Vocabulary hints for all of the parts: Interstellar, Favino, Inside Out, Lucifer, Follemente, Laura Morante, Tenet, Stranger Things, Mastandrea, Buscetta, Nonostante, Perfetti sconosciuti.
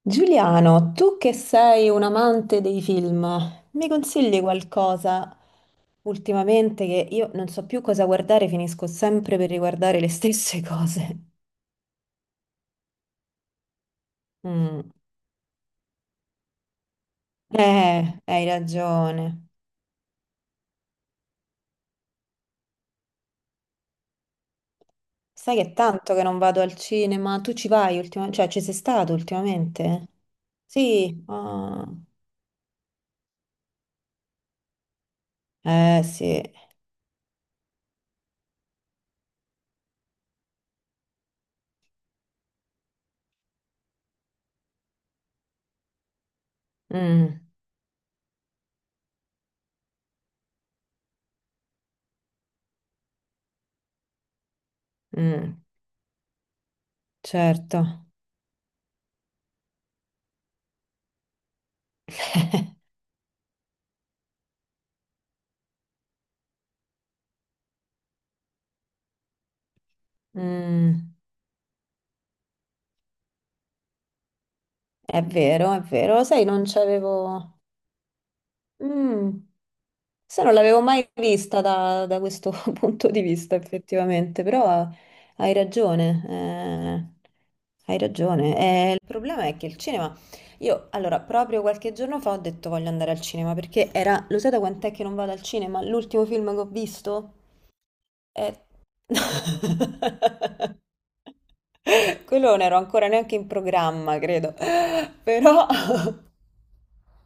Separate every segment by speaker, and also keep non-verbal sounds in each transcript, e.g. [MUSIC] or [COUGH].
Speaker 1: Giuliano, tu che sei un amante dei film, mi consigli qualcosa ultimamente che io non so più cosa guardare, finisco sempre per riguardare le stesse [LAUGHS] cose. Mm. Hai ragione. Sai che è tanto che non vado al cinema, tu ci vai ultimamente, ci sei stato ultimamente? Sì, ah. Eh sì. Mm, mm, certo. [LAUGHS] Mm, è vero, lo sai, non c'avevo. Mm. Sai, non l'avevo mai vista da questo [LAUGHS] punto di vista, effettivamente, però hai ragione, hai ragione. Il problema è che il cinema, io allora proprio qualche giorno fa ho detto voglio andare al cinema perché era, lo sai da quant'è che non vado al cinema? L'ultimo film che ho visto è... [LAUGHS] Quello non ero ancora neanche in programma, credo, però... [LAUGHS]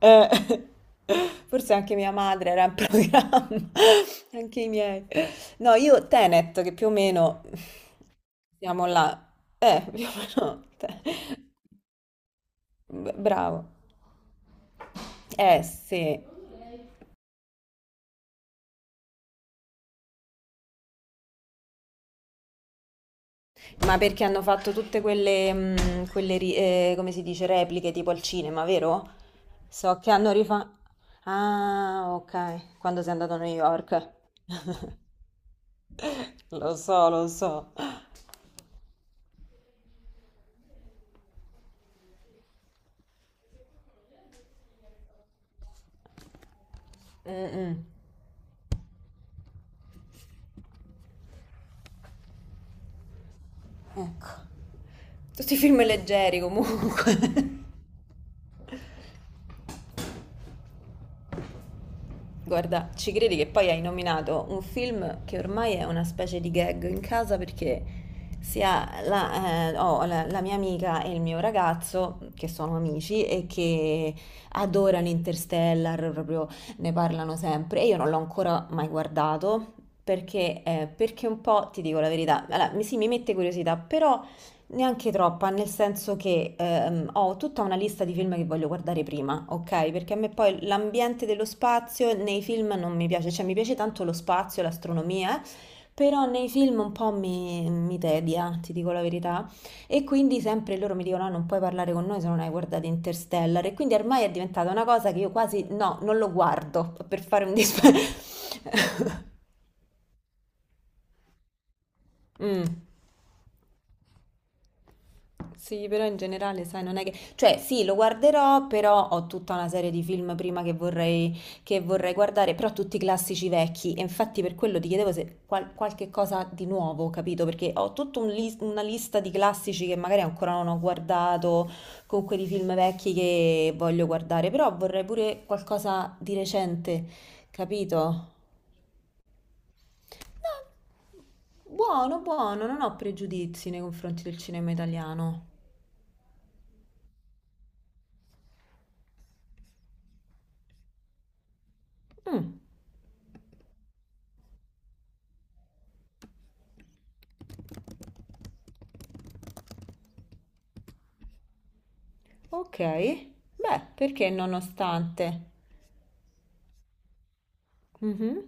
Speaker 1: Eh, [LAUGHS] forse anche mia madre era in programma, [LAUGHS] anche i miei. No, io Tenet, che più o meno siamo là. Più o meno. Bravo. Eh sì, ma perché hanno fatto tutte quelle, quelle come si dice, repliche tipo al cinema, vero? So che hanno rifatto... Ah, ok, quando sei andato a New York. [LAUGHS] Lo so, lo so. Mm, mm. Ecco. Tutti i film leggeri comunque. [LAUGHS] Guarda, ci credi che poi hai nominato un film che ormai è una specie di gag in casa perché sia la, la mia amica e il mio ragazzo, che sono amici e che adorano Interstellar, proprio ne parlano sempre e io non l'ho ancora mai guardato perché, perché un po', ti dico la verità, allora, sì, mi mette curiosità, però... Neanche troppa, nel senso che ho tutta una lista di film che voglio guardare prima, ok? Perché a me poi l'ambiente dello spazio nei film non mi piace, cioè mi piace tanto lo spazio, l'astronomia, però nei film un po' mi tedia, ti dico la verità. E quindi sempre loro mi dicono: "Ah, non puoi parlare con noi se non hai guardato Interstellar. E quindi ormai è diventata una cosa che io quasi no, non lo guardo per fare un dispetto. [LAUGHS] Sì, però in generale, sai, non è che... Cioè, sì, lo guarderò, però ho tutta una serie di film prima che vorrei guardare, però tutti classici vecchi. E infatti per quello ti chiedevo se qualche cosa di nuovo, capito? Perché ho tutta una lista di classici che magari ancora non ho guardato, comunque di film vecchi che voglio guardare, però vorrei pure qualcosa di recente, capito? No, buono, buono, non ho pregiudizi nei confronti del cinema italiano. Mm. Okay. Beh, perché nonostante? Mh-mh.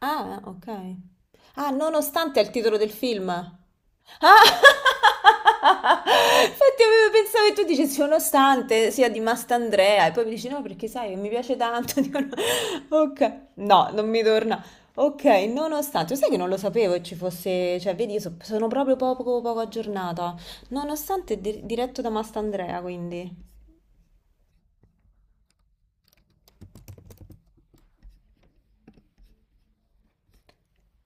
Speaker 1: Ah, okay. Ah, nonostante è il titolo del film. Ah! [LAUGHS] Infatti avevo pensato che tu dicessi nonostante sia di Mastandrea e poi mi dici no perché sai che mi piace tanto. [LAUGHS] Dico, no. Ok, no, non mi torna. Ok, nonostante, sai che non lo sapevo che ci fosse, cioè vedi, sono proprio poco, poco aggiornata. Nonostante è diretto da Mastandrea, quindi.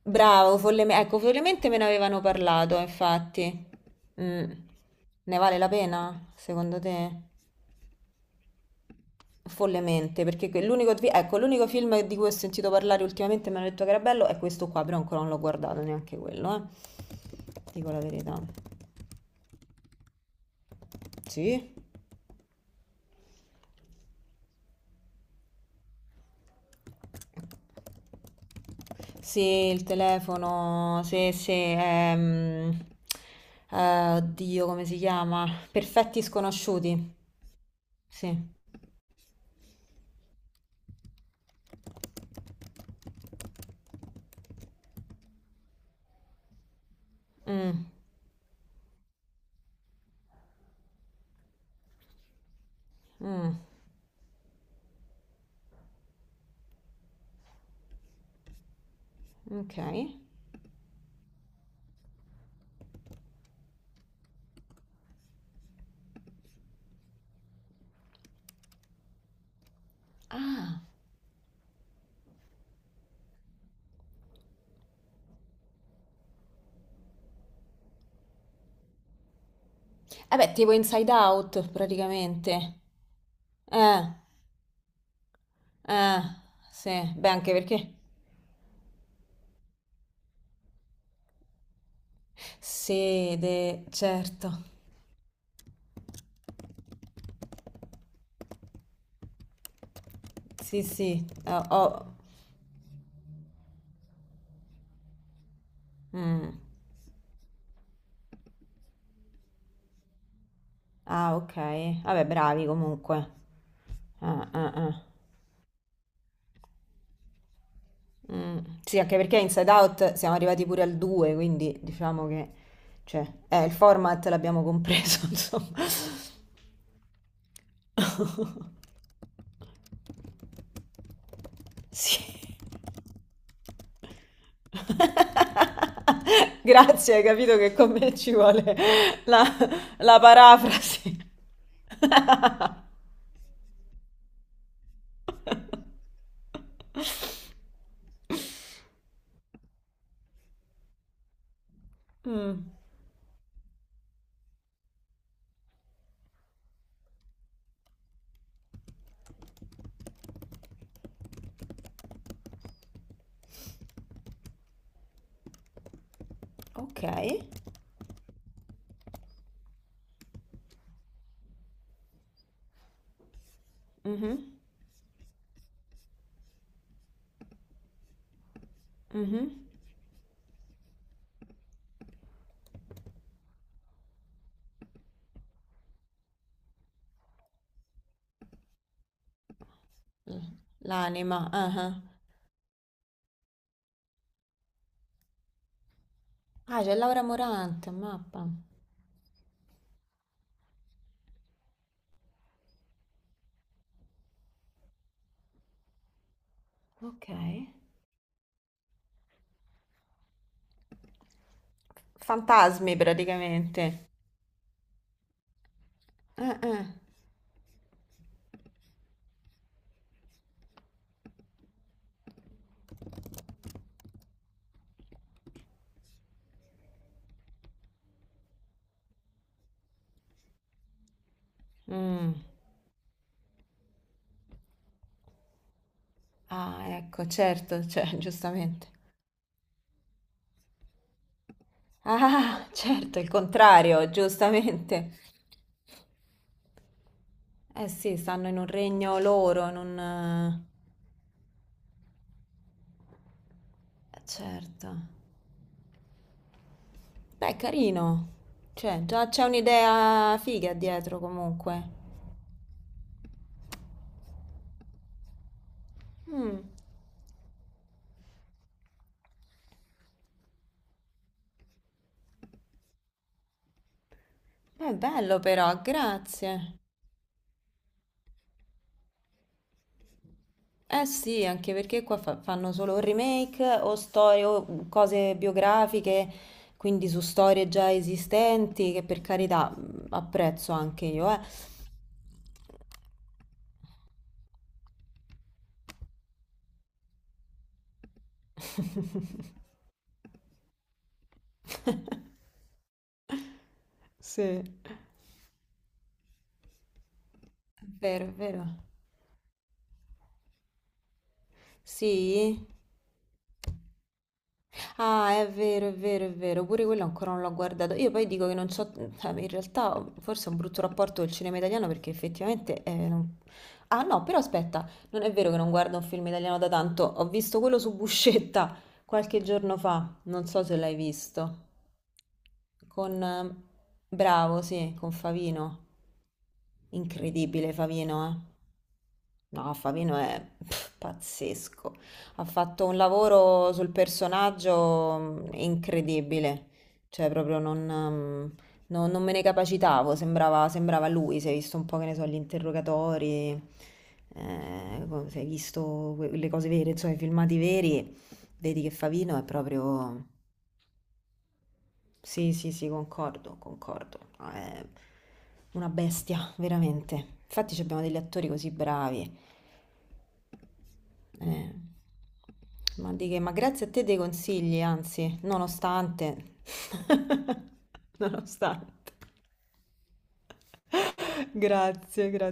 Speaker 1: Bravo, ecco, follemente me ne avevano parlato, infatti. Mm. Ne vale la pena, secondo te? Follemente, perché ecco, l'unico film di cui ho sentito parlare ultimamente e mi hanno detto che era bello è questo qua, però ancora non l'ho guardato neanche quello, eh. Dico la verità. Sì? Sì, il telefono, sì, sì, oddio, come si chiama? Perfetti sconosciuti, sì. Mm, mm, ok. Ah. Eh beh, tipo Inside Out praticamente. Eh, eh, sì, beh, anche perché. Sede, certo. Sì, sì. Mm. Ah, ok. Vabbè, bravi comunque. Ah, ah, ah. Mm. Sì, anche perché Inside Out siamo arrivati pure al 2, quindi diciamo che. Cioè, il format l'abbiamo compreso, [LAUGHS] insomma. Sì. [LAUGHS] Grazie, hai capito che con me ci vuole la, la parafrasi. Mm, ok. Mhm, mhm. L- L'anima. Ah, ah. Ah, c'è Laura Morante, mappa. Ok. Fantasmi praticamente. Ah, ah. Mm. Ah, ecco, certo, cioè, [LAUGHS] giustamente. Ah, certo, il contrario, giustamente. Eh sì, stanno in un regno loro, non... certo. Beh, carino. Cioè, già c'è un'idea figa dietro comunque. Mm, è bello però, grazie. Eh sì, anche perché qua fanno solo remake o storie o cose biografiche, quindi su storie già esistenti, che per carità, mm, apprezzo anche io, eh. [LAUGHS] Sì. È vero, è vero. Sì? Ah, è vero, è vero, è vero, pure quello ancora non l'ho guardato. Io poi dico che non so, cioè, in realtà forse ho un brutto rapporto col cinema italiano perché effettivamente... Ah no, però aspetta, non è vero che non guardo un film italiano da tanto, ho visto quello su Buscetta qualche giorno fa, non so se l'hai visto, con... bravo, sì, con Favino. Incredibile Favino, eh. No, Favino è [LAUGHS] pff, pazzesco. Ha fatto un lavoro sul personaggio, mm, incredibile. Cioè, proprio non, mm, non me ne capacitavo. Sembrava, sembrava lui. Si è visto un po', che ne so, gli interrogatori, si è visto le cose vere, insomma, i filmati veri. Vedi che Favino è proprio. Sì, sì, sì, concordo, concordo. No, è una bestia, veramente. Infatti, ci abbiamo degli attori così bravi. Eh, ma di che? Ma grazie a te dei consigli, anzi, nonostante. [LAUGHS] Nonostante. Grazie, grazie.